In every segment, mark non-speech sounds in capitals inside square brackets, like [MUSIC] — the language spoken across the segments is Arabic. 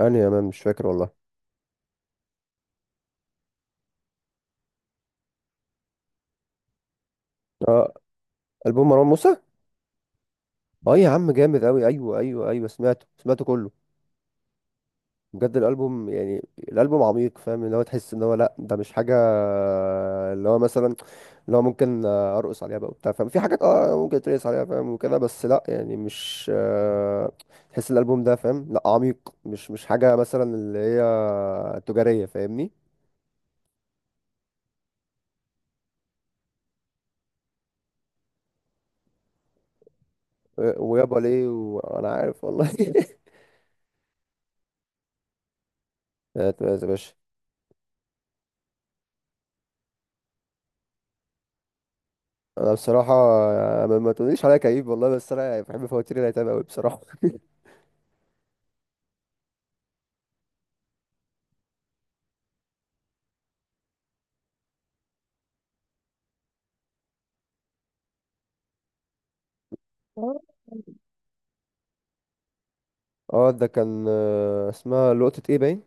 أنا أمان مش فاكر والله. آه. ألبوم مروان موسى. اه يا عم جامد أوي. أيوه أيوه أيوه، سمعته سمعته كله. بجد الألبوم يعني الألبوم عميق، فاهم اللي هو، تحس إن هو لأ ده مش حاجة اللي هو، مثلا اللي هو ممكن أرقص عليها بقى وبتاع فاهم، في حاجات ممكن ترقص عليها فاهم وكده، بس لأ يعني مش تحس الألبوم ده فاهم لأ عميق، مش حاجة مثلا اللي هي تجارية فاهمني. ويابا ليه وأنا عارف والله. [LAUGHS] هات يا باشا. انا بصراحه يعني ما تقوليش عليا كئيب والله، بس انا يعني بحب فواتير الايتام قوي بصراحه. اه ده كان، اسمها لقطه ايه باين.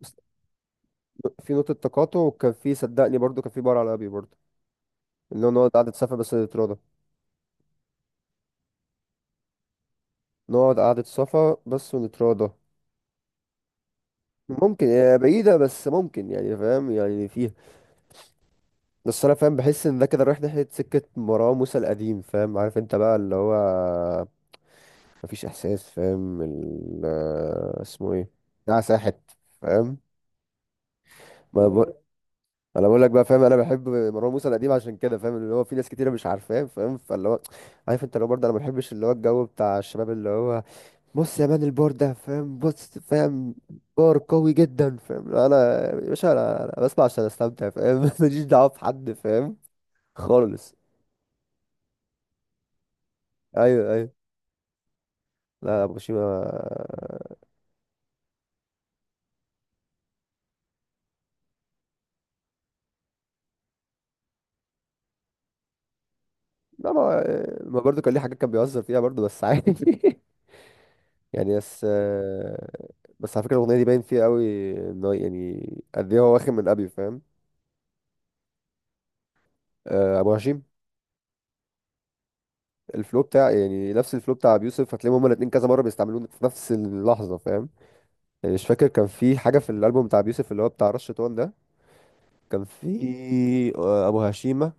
بس في نقطه تقاطع، وكان في صدقني برضو، كان في بار على ابي برضو، اللي هو نقعد قعده صفا بس نتراضى. نقعد قعده صفا بس ونتراضى. ممكن هي بعيده بس ممكن يعني فاهم، يعني فيها. بس انا فاهم بحس ان ده كده رايح ناحيه سكه مروان موسى القديم فاهم، عارف انت بقى اللي هو مفيش احساس فاهم ال آه، اسمه ايه. ده ساحت فاهم. ما انا بقول لك بقى فاهم، انا بحب مروان موسى القديم عشان كده فاهم، اللي هو في ناس كتيره مش عارفاه فاهم. فاللي هو عارف انت، لو برضه انا ما بحبش اللي هو الجو بتاع الشباب اللي هو، بص يا مان، البار ده فاهم، بص فاهم، بار قوي جدا فاهم. لا، انا يا باشا أنا بسمع عشان استمتع فاهم. [LAUGHS] ماليش دعوه بحد فاهم خالص. ايوه ايوه، لا ابو شيما. لا ما، ما برضه كان ليه حاجات كان بيهزر فيها برضه، بس عادي. [LAUGHS] يعني بس. بس على فكره الاغنيه دي باين فيها قوي انه يعني قد ايه هو واخد من ابي فاهم. ابو هشيم، الفلو بتاع، يعني نفس الفلو بتاع ابي يوسف، هتلاقيهم هما الاثنين كذا مره بيستعملوه في نفس اللحظه فاهم. يعني مش فاكر، كان في حاجه في الالبوم بتاع ابي يوسف، اللي هو بتاع رشة وان، ده كان في ابو هشيمه،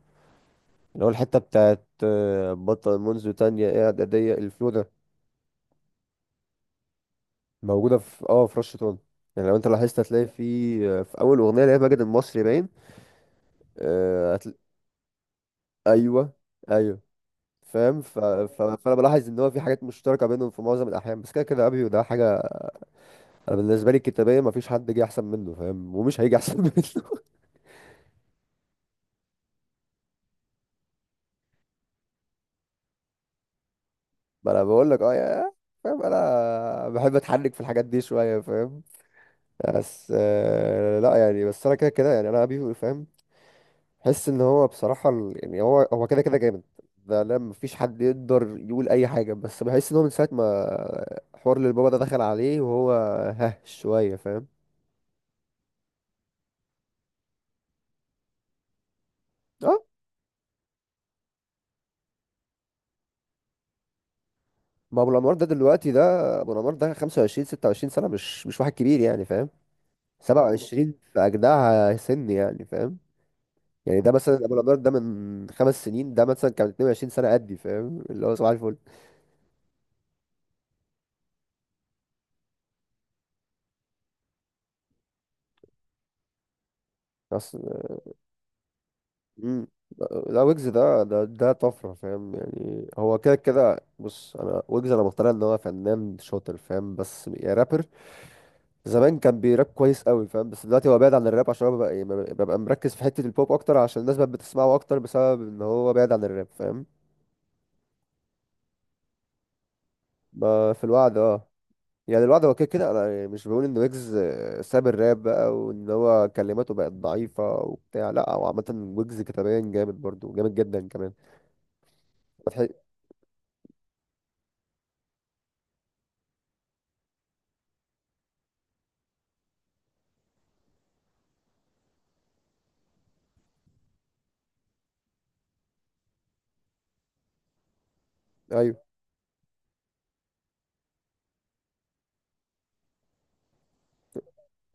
اللي هو الحته بتاعت بطل منذ تانية قاعد اضيق الفلو ده. موجوده في في رشة وان. يعني لو انت لاحظت هتلاقي في في اول اغنيه اللي هي ماجد المصري باين. آه، هتل... ايوه ايوه، فاهم فانا بلاحظ ان هو في حاجات مشتركه بينهم في معظم الاحيان، بس كده كده ابيو ده حاجه. انا بالنسبه لي الكتابيه ما فيش حد جه احسن منه فاهم، ومش هيجي احسن [LAUGHS] منه. ما انا بقول لك اه يا فاهم، انا بحب اتحرك في الحاجات دي شويه فاهم. بس لا يعني، بس انا كده كده يعني انا ابي فاهم. حس ان هو بصراحه يعني هو كده كده جامد، ده لا مفيش حد يقدر يقول اي حاجه، بس بحس ان هو من ساعه ما حوار للبابا ده دخل عليه وهو شويه فاهم. اه ما ابو الانوار ده دلوقتي، ده ابو الانوار ده 25 26 سنه، مش واحد كبير يعني فاهم. 27 في أجدعها سن يعني فاهم. يعني ده مثلا أبو الأبيض ده من خمس سنين، ده مثلا كان 22 سنة قدي فاهم، اللي هو صباح الفل. أصل، مم. لا ويجز ده طفرة فاهم. يعني هو كده كده، بص أنا ويجز، أنا مقتنع إن هو فنان شاطر فاهم، بس يا رابر زمان كان بيراب كويس قوي فاهم. بس دلوقتي هو بعيد عن الراب عشان هو ببقى مركز في حتة البوب أكتر، عشان الناس بقت بتسمعه أكتر بسبب إن هو بعيد عن الراب فاهم. ما في الوعد اه. يعني الواحد هو كده كده، انا مش بقول ان ويجز ساب الراب بقى وان هو كلماته بقت ضعيفة وبتاع، لا هو عامة ويجز كتابيا جامد، برضو جامد جدا كمان. بتح... ايوه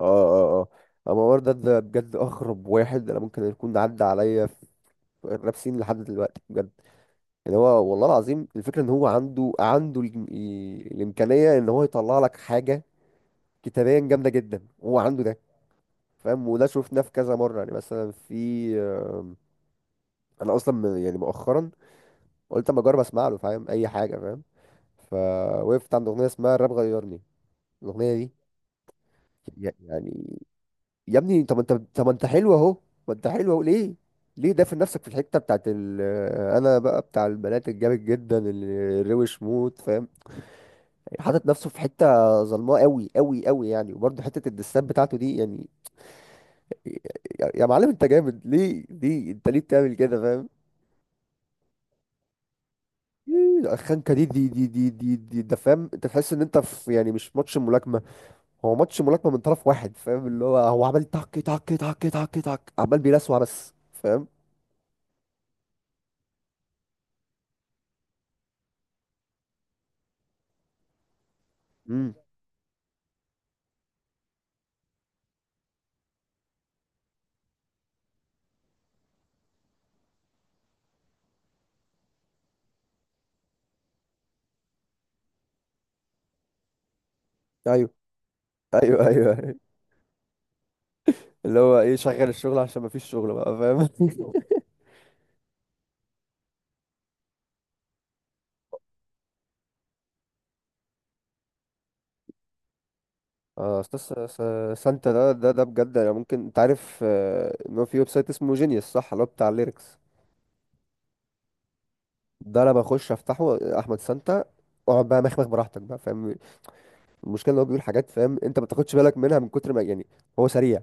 اه اه اه. اما عمر ده بجد اغرب واحد انا ممكن يكون عدى عليا في الراب سين لحد دلوقتي بجد. يعني هو والله العظيم، الفكرة ان هو عنده الامكانية ان هو يطلع لك حاجة كتابيا جامدة جدا، هو عنده ده فاهم. وده شفناه في كذا مرة، يعني مثلا في انا اصلا يعني مؤخرا قلت اما اجرب اسمع له فاهم، اي حاجه فاهم. فوقفت عند اغنيه اسمها الراب غيرني، الاغنيه دي يعني، يا ابني طب انت، ما انت حلو اهو، ما انت حلو اهو، ليه ليه دافن نفسك في الحته بتاعت ال... آه، انا بقى بتاع البنات الجامد جدا اللي الروش موت فاهم، حاطط نفسه في حته ظلماء قوي قوي قوي، يعني وبرده حته الدسات بتاعته دي يعني. يا معلم انت جامد ليه انت ليه بتعمل كده فاهم. إيه الخنكه دي ده فاهم، انت تحس ان انت في يعني مش ماتش ملاكمه، هو ماتش ملاكمة من طرف واحد فاهم، اللي هو عمال تك تك تك تك تك، عمال بيلسوع بس فاهم. امم. ايوه ايوه ايوه أيوة. اللي هو ايه شغل الشغل، عشان ما فيش شغل بقى فاهم. [LAUGHS] اه استاذ، سانتا ده بجد، انا ممكن، انت عارف ان هو في ويب سايت اسمه جينيوس صح، اللي هو بتاع الليركس ده، انا بخش افتحه احمد سانتا، اقعد بقى مخمخ براحتك بقى فاهم. المشكله ان هو بيقول حاجات فاهم، انت ما بتاخدش بالك منها من كتر ما يعني، هو سريع،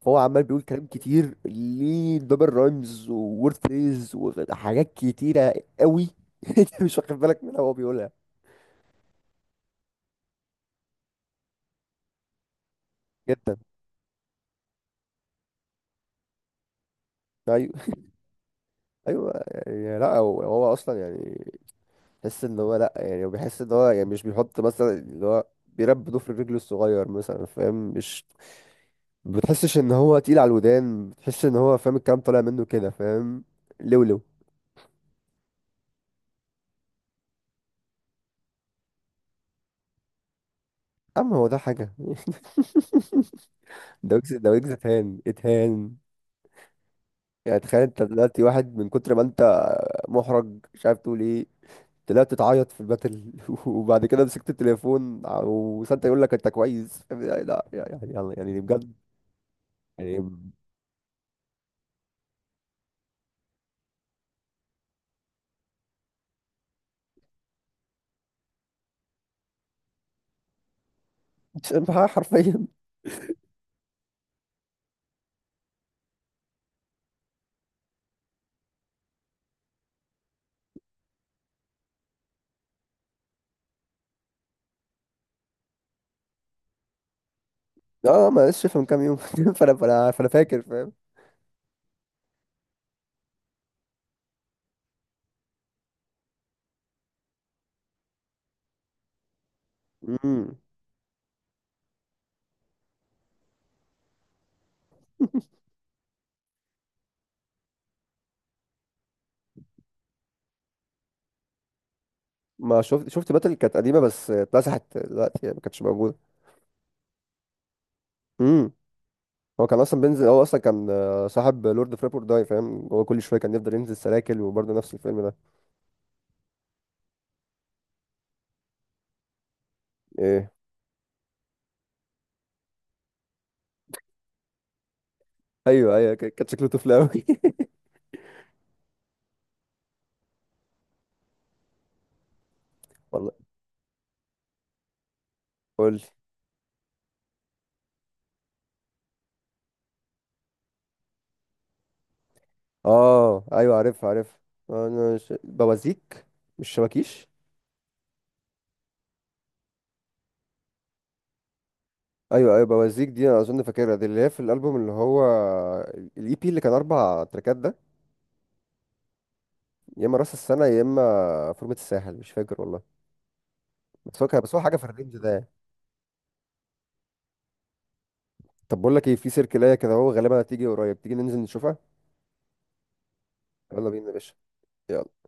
فهو عمال بيقول كلام كتير، ليه دبل رايمز وورد فريز وحاجات كتيرة قوي. [LAUGHS] انت مش واخد بالك منها وهو بيقولها. جدا، ايوه. [LAUGHS] ايوه يعني، لا هو اصلا يعني، تحس ان هو، لا يعني هو بيحس ان هو يعني مش بيحط مثلا اللي هو بيرب ضفر رجله الصغير مثلا فاهم، مش ما بتحسش ان هو تقيل على الودان، بتحس ان هو فاهم الكلام طالع منه كده فاهم. لولو. اما هو ده حاجه. [LAUGHS] ده ويجز، ده ويجز اتهان اتهان. يعني تخيل انت دلوقتي، واحد من كتر ما انت محرج مش عارف تقول ايه، طلعت تعيط في الباتل [LAUGHS] وبعد كده مسكت التليفون، وسانتا يقول لك انت كويس، يعني لا يعني يعني يعني بجد، يعني. [LAUGHS] حرفيا، اه ما لسه من كام يوم. [LAUGHS] فانا فاكر فاهم. امم. [LAUGHS] ما شفت، باتل كانت قديمه بس اتمسحت دلوقتي يعني ما كانتش موجوده. امم. هو كان اصلا بينزل، هو اصلا كان صاحب لورد اوف ريبورت داي فاهم، هو كل شويه كان يفضل ينزل سلاكل وبرضه نفس الفيلم ده. ايه؟ ايوه ايوه، كان شكله طفل قوي. [LAUGHS] والله قول لي. اه ايوه عارف عارف. انا بوازيك، مش شبكيش. ايوه ايوه، بوازيك دي انا اظن فاكرها، دي اللي هي في الالبوم اللي هو الاي بي اللي كان اربع تراكات ده. يا اما راس السنه يا اما فورمه الساحل، مش فاكر والله. بس هو حاجه في الرينج ده يعني. طب بقول لك ايه، في سيركلايه كده هو غالبا هتيجي قريب، تيجي ننزل نشوفها. يلا بينا يا باشا. يلا.